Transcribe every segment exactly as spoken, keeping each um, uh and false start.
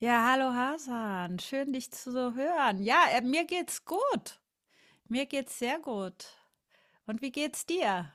Ja, hallo Hasan, schön dich zu so hören. Ja, äh, mir geht's gut. Mir geht's sehr gut. Und wie geht's dir?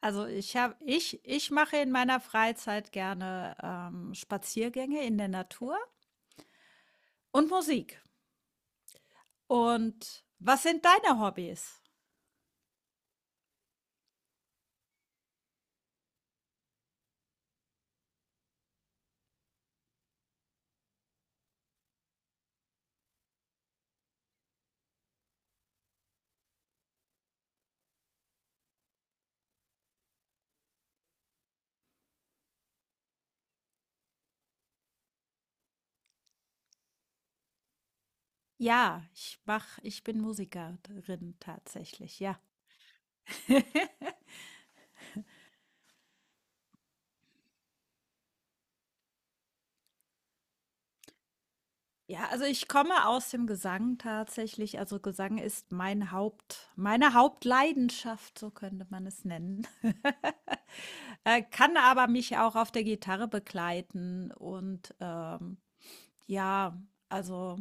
Also ich habe, ich, ich mache in meiner Freizeit gerne ähm, Spaziergänge in der Natur und Musik. Und was sind deine Hobbys? Ja, ich mach, ich bin Musikerin tatsächlich, ja. Ja, also ich komme aus dem Gesang tatsächlich. Also Gesang ist mein Haupt, meine Hauptleidenschaft, so könnte man es nennen. Äh, kann aber mich auch auf der Gitarre begleiten und, ähm, ja, also,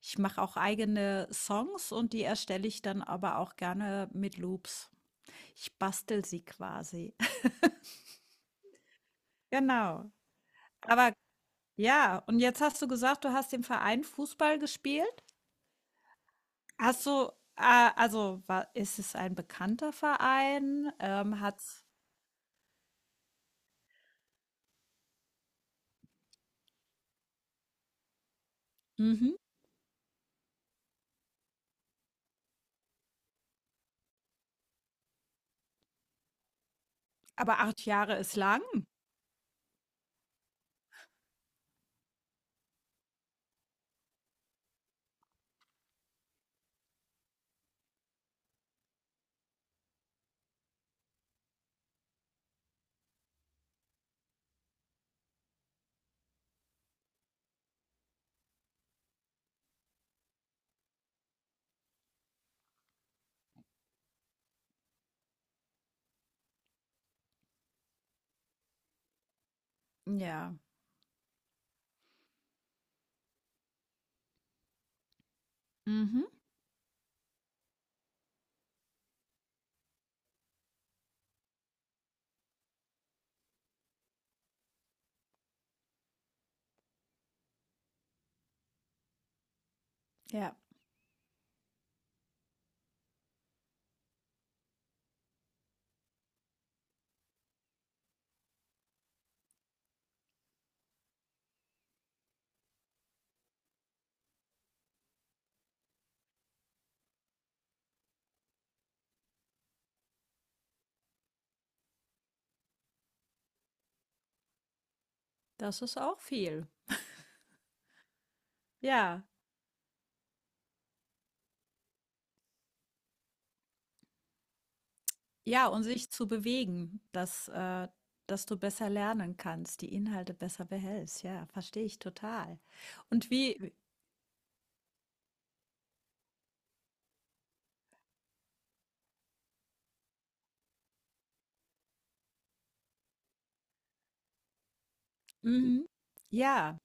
ich mache auch eigene Songs und die erstelle ich dann aber auch gerne mit Loops. Ich bastel sie quasi. Genau. Aber ja, und jetzt hast du gesagt, du hast im Verein Fußball gespielt. Hast du, äh also, wa ist es ein bekannter Verein? Ähm, hat's mhm, aber acht Jahre ist lang. Ja. Mhm. Ja, das ist auch viel. Ja. Ja, und sich zu bewegen, dass, äh dass du besser lernen kannst, die Inhalte besser behältst. Ja, verstehe ich total. Und wie mhm. Ja,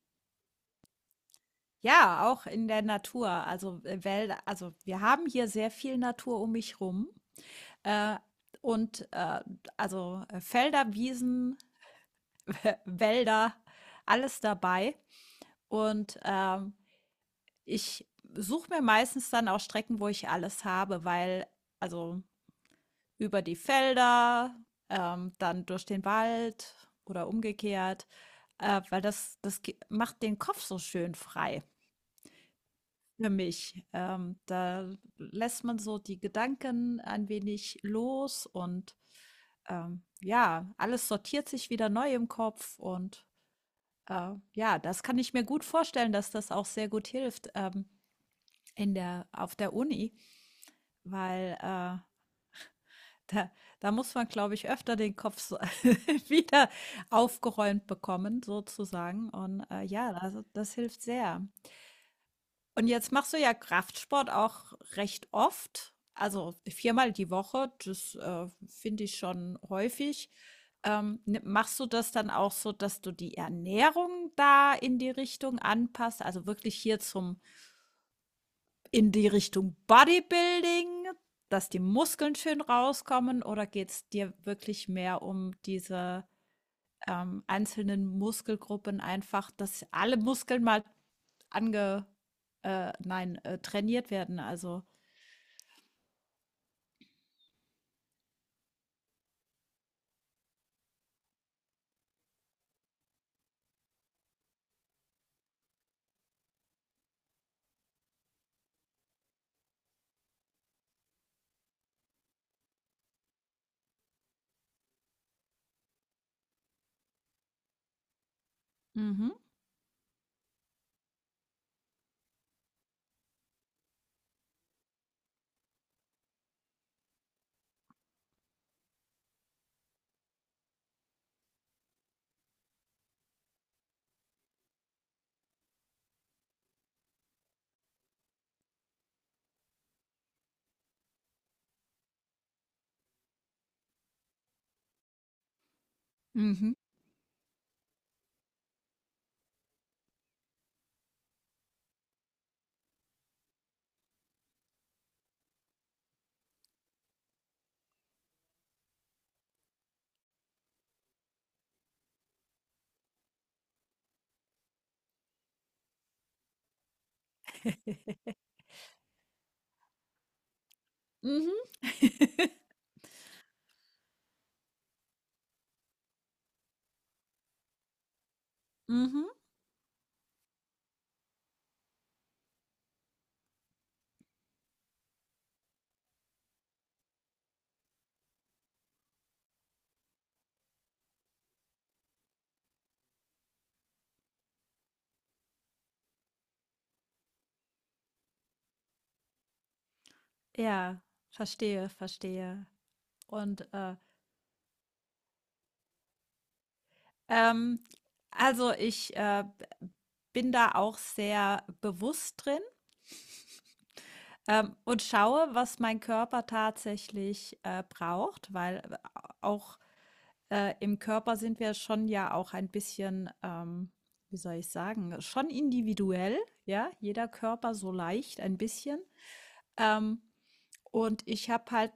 ja, auch in der Natur, also, äh, Wälder also, wir haben hier sehr viel Natur um mich rum, äh, und, äh, also, äh, Felder, Wiesen, äh, Wälder, alles dabei. Und, ähm, ich suche mir meistens dann auch Strecken, wo ich alles habe, weil also, über die Felder, ähm, dann durch den Wald oder umgekehrt, äh, weil das, das ge- macht den Kopf so schön frei für mich. Ähm, da lässt man so die Gedanken ein wenig los und ähm, ja, alles sortiert sich wieder neu im Kopf und äh, ja, das kann ich mir gut vorstellen, dass das auch sehr gut hilft ähm, in der, auf der Uni, weil äh, Da da muss man, glaube ich, öfter den Kopf so wieder aufgeräumt bekommen sozusagen und, äh, ja, also, das hilft sehr. Und jetzt machst du ja Kraftsport auch recht oft, also viermal die Woche, das, äh, finde ich schon häufig. Ähm, ni machst du das dann auch so, dass du die Ernährung da in die Richtung anpasst, also wirklich hier zum in die Richtung Bodybuilding, dass die Muskeln schön rauskommen oder geht's dir wirklich mehr um diese, ähm, einzelnen Muskelgruppen einfach, dass alle Muskeln mal ange äh, nein, äh, trainiert werden, also mhm, mhm, mhm, mhm. Ja, verstehe, verstehe. Und, äh, ähm, also ich, äh, bin da auch sehr bewusst drin. Ähm, und schaue, was mein Körper tatsächlich, äh, braucht, weil äh, auch, äh, im Körper sind wir schon ja auch ein bisschen, ähm, wie soll ich sagen, schon individuell, ja, jeder Körper so leicht ein bisschen. Ähm, und ich habe halt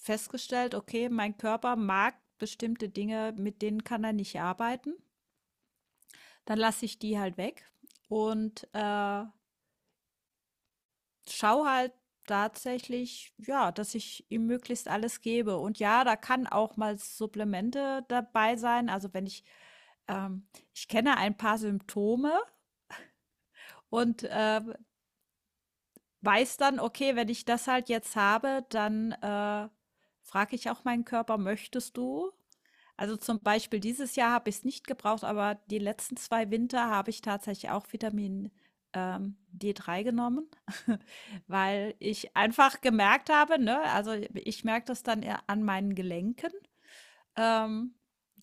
festgestellt, okay, mein Körper mag bestimmte Dinge, mit denen kann er nicht arbeiten. Dann lasse ich die halt weg und äh, schau halt tatsächlich, ja, dass ich ihm möglichst alles gebe. Und ja, da kann auch mal Supplemente dabei sein. Also wenn ich, ähm, ich kenne ein paar Symptome und äh, weiß dann, okay, wenn ich das halt jetzt habe, dann äh, frage ich auch meinen Körper, möchtest du? Also zum Beispiel dieses Jahr habe ich es nicht gebraucht, aber die letzten zwei Winter habe ich tatsächlich auch Vitamin ähm, D drei genommen, weil ich einfach gemerkt habe, ne, also ich merke das dann eher an meinen Gelenken. Ähm,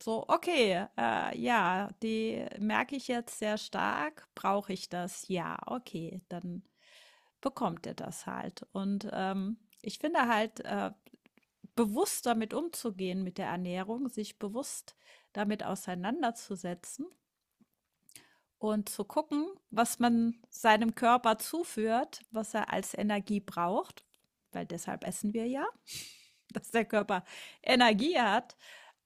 so, okay, äh, ja, die merke ich jetzt sehr stark, brauche ich das? Ja, okay, dann bekommt er das halt. Und ähm, ich finde halt, äh, bewusst damit umzugehen mit der Ernährung, sich bewusst damit auseinanderzusetzen und zu gucken, was man seinem Körper zuführt, was er als Energie braucht, weil deshalb essen wir ja, dass der Körper Energie hat.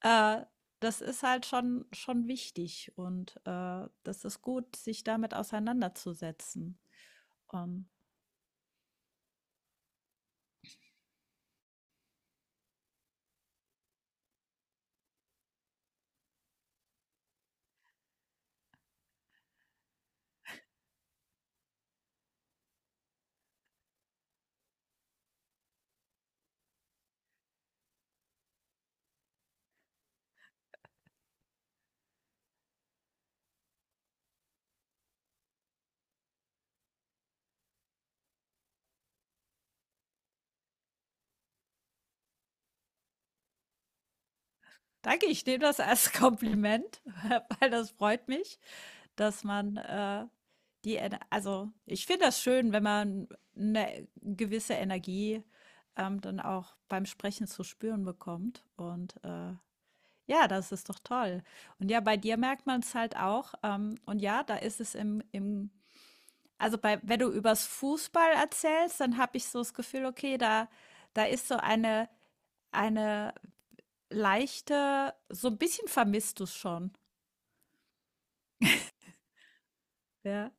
Äh, Das ist halt schon, schon wichtig und äh, das ist gut, sich damit auseinanderzusetzen. Ähm, Danke, ich nehme das als Kompliment, weil das freut mich. Dass man äh, die, Ener- Also ich finde das schön, wenn man eine gewisse Energie ähm, dann auch beim Sprechen zu spüren bekommt. Und äh, ja, das ist doch toll. Und ja, bei dir merkt man es halt auch. Ähm, und ja, da ist es im, im also bei, wenn du übers Fußball erzählst, dann habe ich so das Gefühl, okay, da, da ist so eine, eine leichte, so ein bisschen vermisst du es schon. Ja,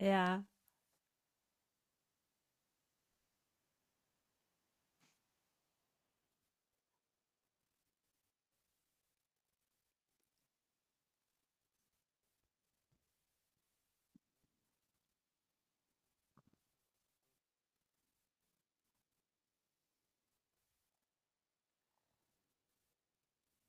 ja.